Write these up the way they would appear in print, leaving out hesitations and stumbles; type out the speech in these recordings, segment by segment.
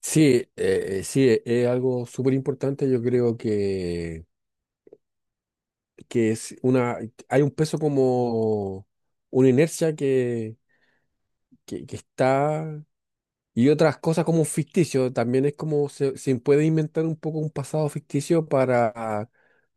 Sí, sí, es algo súper importante. Yo creo que es una, hay un peso como una inercia que está y otras cosas como un ficticio. También es como se puede inventar un poco un pasado ficticio para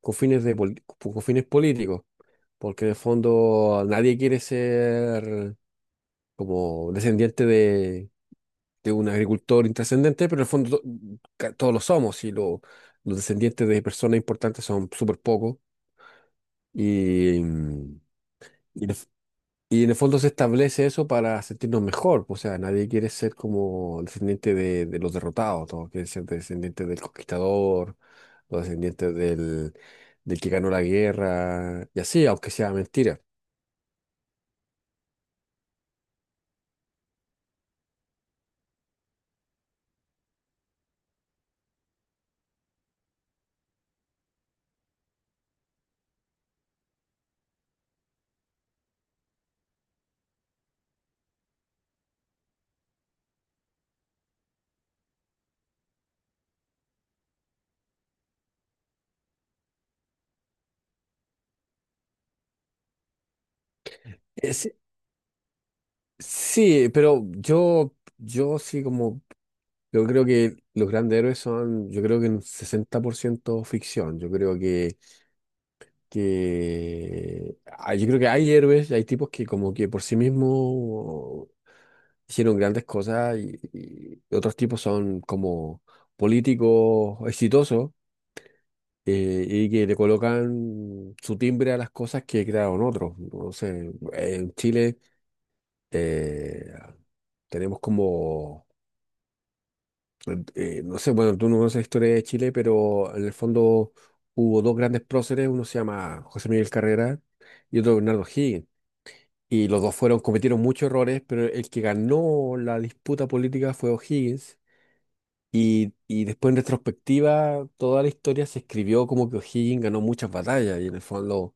con fines políticos, porque en el fondo nadie quiere ser como descendiente de un agricultor intrascendente, pero en el fondo todos lo somos los descendientes de personas importantes son súper pocos. Y, mm, y, en el f- y en el fondo se establece eso para sentirnos mejor. O sea, nadie quiere ser como descendiente de los derrotados, todos quieren ser descendientes del conquistador, los descendientes del que ganó la guerra, y así, aunque sea mentira. Sí, pero yo sí como, yo creo que los grandes héroes son, yo creo que un 60% ficción, yo creo que hay héroes, hay tipos que como que por sí mismos hicieron grandes cosas y otros tipos son como políticos exitosos y que le colocan su timbre a las cosas que crearon otros. No sé, en Chile eh, tenemos como... no sé, bueno, tú no conoces la historia de Chile, pero en el fondo hubo dos grandes próceres, uno se llama José Miguel Carrera y otro Bernardo O'Higgins. Y los dos fueron, cometieron muchos errores, pero el que ganó la disputa política fue O'Higgins. Y después en retrospectiva, toda la historia se escribió como que O'Higgins ganó muchas batallas y en el fondo.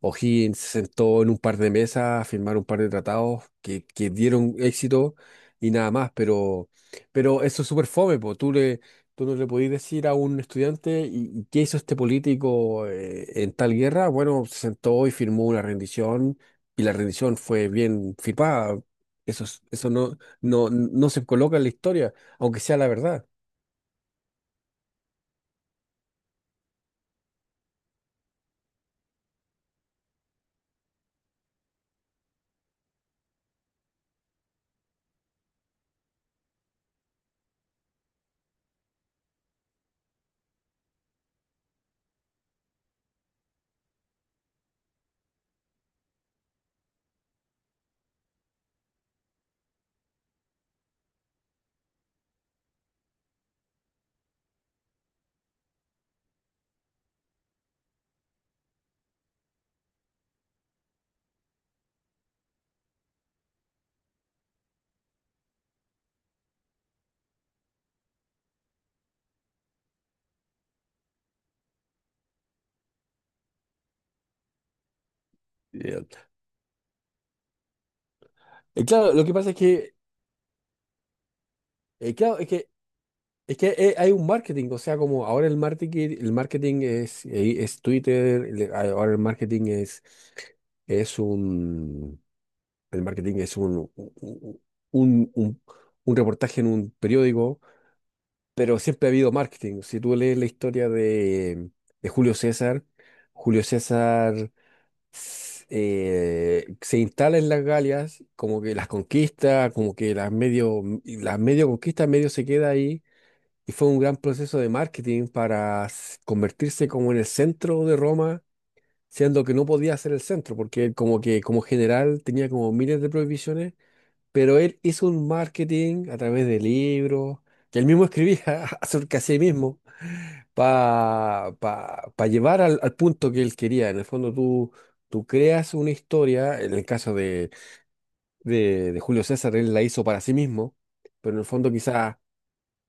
O'Higgins se sentó en un par de mesas a firmar un par de tratados que dieron éxito y nada más, pero eso es súper fome, po. Tú no le podías decir a un estudiante, ¿y qué hizo este político en tal guerra? Bueno, se sentó y firmó una rendición y la rendición fue bien firmada. Eso, eso no, no, no se coloca en la historia, aunque sea la verdad. Eh, claro, lo que pasa es que, claro, es que hay un marketing, o sea, como ahora el marketing es Twitter, ahora el marketing es un, el marketing es un, un, un- un reportaje en un periódico, pero siempre ha habido marketing. Si tú lees la historia de Julio César, Julio César se instala en las Galias, como que las conquista, como que las medio conquista, medio se queda ahí y fue un gran proceso de marketing para convertirse como en el centro de Roma, siendo que no podía ser el centro, porque él como que como general tenía como miles de prohibiciones, pero él hizo un marketing a través de libros, que él mismo escribía acerca de sí mismo, para llevar al punto que él quería. En el fondo tú creas una historia, en el caso de Julio César, él la hizo para sí mismo, pero en el fondo quizás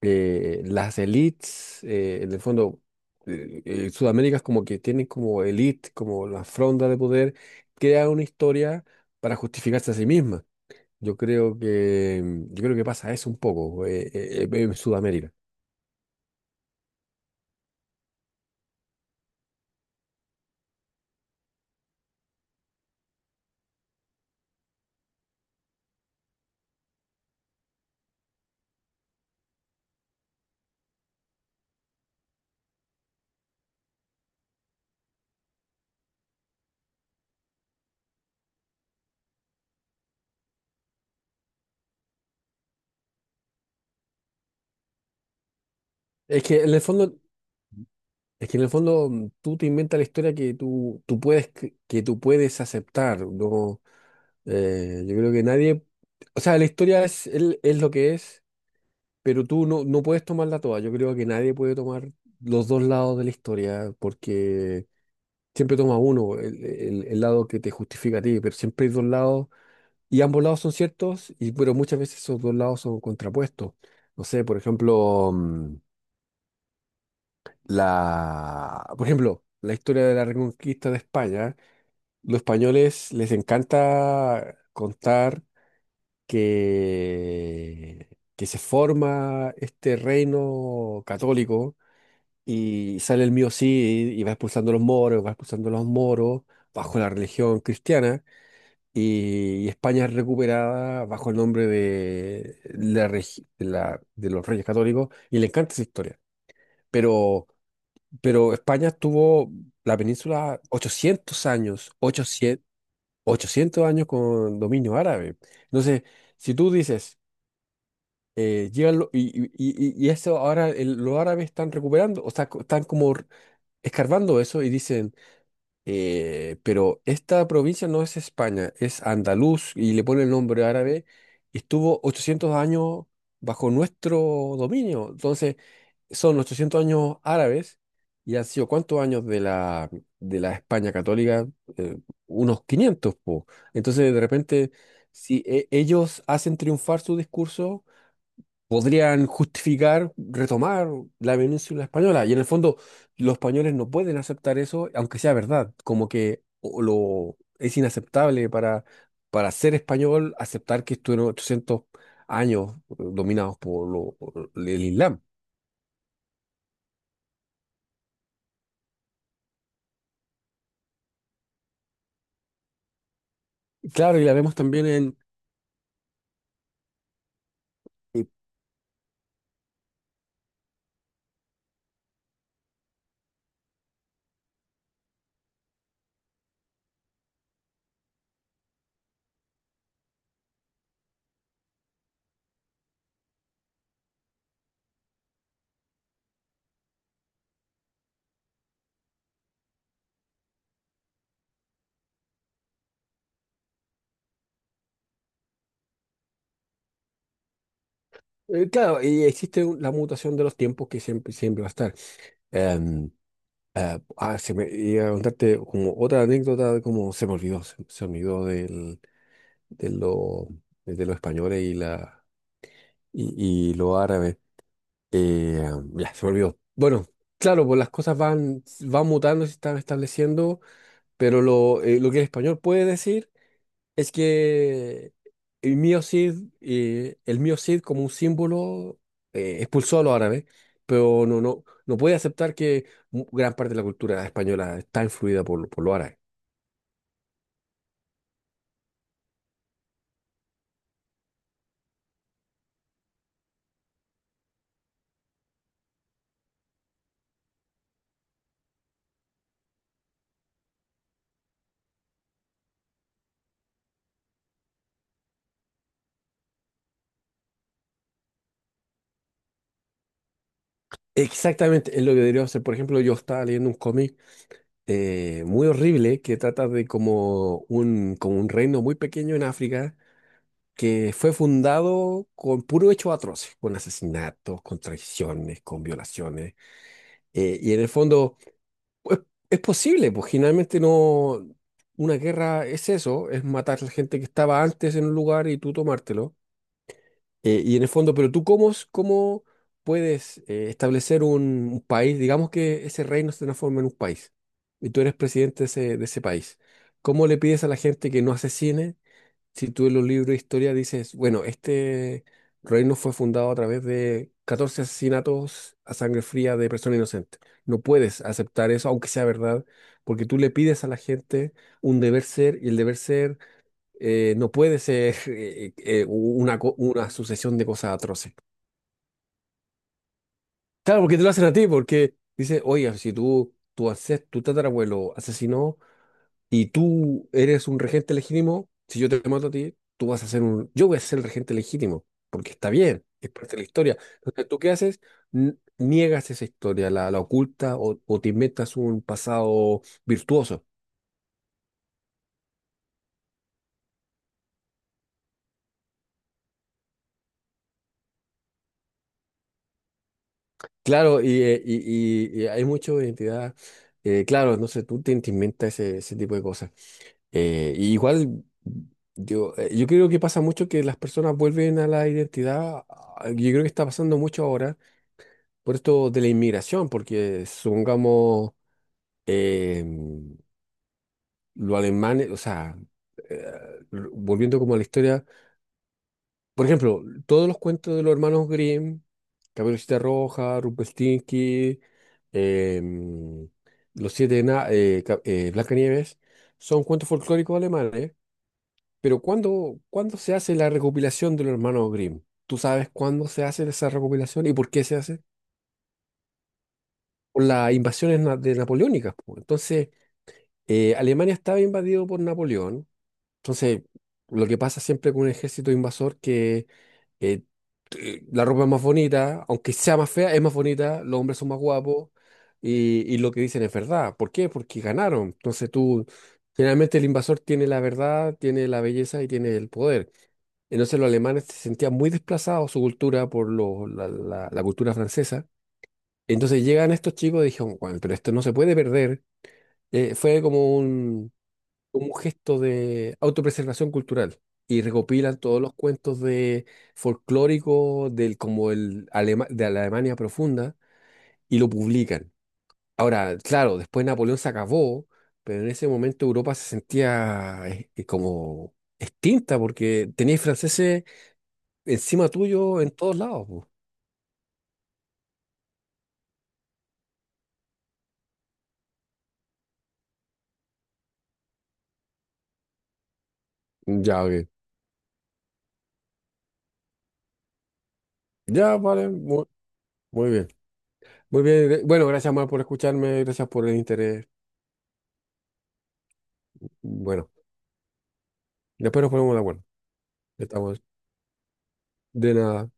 las elites, en el fondo, Sudamérica es como que tienen como elite, como la fronda de poder, crea una historia para justificarse a sí misma. Yo creo que pasa eso un poco en Sudamérica. Es que en el fondo, es que en el fondo tú te inventas la historia que tú puedes, que tú puedes aceptar, ¿no? Yo creo que nadie, o sea, la historia es, el es lo que es. Pero tú no, no puedes tomarla toda. Yo creo que nadie puede tomar los dos lados de la historia porque siempre toma uno, el lado que te justifica a ti, pero siempre hay dos lados y ambos lados son ciertos, pero muchas veces esos dos lados son contrapuestos. No sé, por ejemplo, por ejemplo, la historia de la Reconquista de España. Los españoles les encanta contar que, que se forma este reino católico. Y sale el mío sí y va expulsando a los moros, va expulsando a los moros bajo la religión cristiana. Y España es recuperada bajo el nombre de, la, regi- de, la- de los Reyes Católicos. Y le encanta esa historia. Pero, pero España tuvo la península 800 años, 800, 800 años con dominio árabe. Entonces, si tú dices, y eso ahora los árabes están recuperando, o sea, están como escarbando eso y dicen, pero esta provincia no es España, es Andaluz y le ponen el nombre árabe y estuvo 800 años bajo nuestro dominio. Entonces, son 800 años árabes y han sido cuántos años de la España católica. Eh, Unos 500, po. Entonces, de repente, si ellos hacen triunfar su discurso, podrían justificar retomar la península española. Y en el fondo, los españoles no pueden aceptar eso, aunque sea verdad. Como que es inaceptable para ser español aceptar que estuvieron 800 años dominados por, por el Islam. Claro, y la vemos también en... y, claro, y existe la mutación de los tiempos que siempre, siempre va a estar. Em, Se me iba a contarte como otra anécdota, como se me olvidó, se me olvidó del... de lo, de los españoles y los árabes. Eh, ya, se me olvidó. Bueno, claro, pues las cosas van mutando, se están estableciendo, pero lo que el español puede decir es que el mío Cid, como un símbolo expulsó a los árabes, pero no, no, no puede aceptar que gran parte de la cultura española está influida por los árabes. Exactamente, es lo que debería hacer. Por ejemplo, yo estaba leyendo un cómic muy horrible que trata de como un reino muy pequeño en África que fue fundado con puro hecho atroces, con asesinatos, con traiciones, con violaciones. Y en el fondo, pues es posible, pues generalmente no, una guerra es eso, es matar a la gente que estaba antes en un lugar y tú tomártelo. Pero tú cómo puedes establecer un país, digamos que ese reino se transforma en un país y tú eres presidente de ese país. ¿Cómo le pides a la gente que no asesine si tú en los libros de historia dices, bueno, este reino fue fundado a través de 14 asesinatos a sangre fría de personas inocentes? No puedes aceptar eso, aunque sea verdad, porque tú le pides a la gente un deber ser y el deber ser no puede ser una sucesión de cosas atroces. Claro, porque te lo hacen a ti, porque dice, oiga, si tú, tu, ances- tu tatarabuelo asesinó y tú eres un regente legítimo, si yo te mato a ti, tú vas a ser un, yo voy a ser el regente legítimo, porque está bien, es parte de la historia. Entonces, ¿tú qué haces? Niegas esa historia, la oculta o te inventas un pasado virtuoso. Claro, y hay mucho de identidad. Claro, no sé, tú te inventas ese tipo de cosas. Y igual, yo creo que pasa mucho que las personas vuelven a la identidad. Yo creo que está pasando mucho ahora por esto de la inmigración, porque supongamos eh, los alemanes, o sea, eh, volviendo como a la historia. Por ejemplo, todos los cuentos de los hermanos Grimm, Caperucita Roja, Rumpelstiltskin, em, Los Siete Blancanieves, son cuentos folclóricos alemanes. Pero ¿cuándo se hace la recopilación de los hermanos Grimm? ¿Tú sabes cuándo se hace esa recopilación y por qué se hace? Por las invasiones na- de napoleónicas, po. Entonces, Alemania estaba invadido por Napoleón. Entonces, lo que pasa siempre con un ejército invasor que eh, la ropa es más bonita, aunque sea más fea, es más bonita, los hombres son más guapos y lo que dicen es verdad. ¿Por qué? Porque ganaron. Generalmente el invasor tiene la verdad, tiene la belleza y tiene el poder. Entonces los alemanes se sentían muy desplazados su cultura por la cultura francesa. Entonces llegan estos chicos y dijeron, bueno, pero esto no se puede perder. Fue como un gesto de autopreservación cultural y recopilan todos los cuentos de folclóricos del como el Alema- de la Alemania profunda y lo publican. Ahora, claro, después Napoleón se acabó, pero en ese momento Europa se sentía como extinta porque teníais franceses encima tuyo en todos lados, po. Ya, ok. Ya, vale, muy, muy bien. Muy bien, bueno, gracias más por escucharme, gracias por el interés. Bueno, después nos ponemos de acuerdo. Estamos. De nada.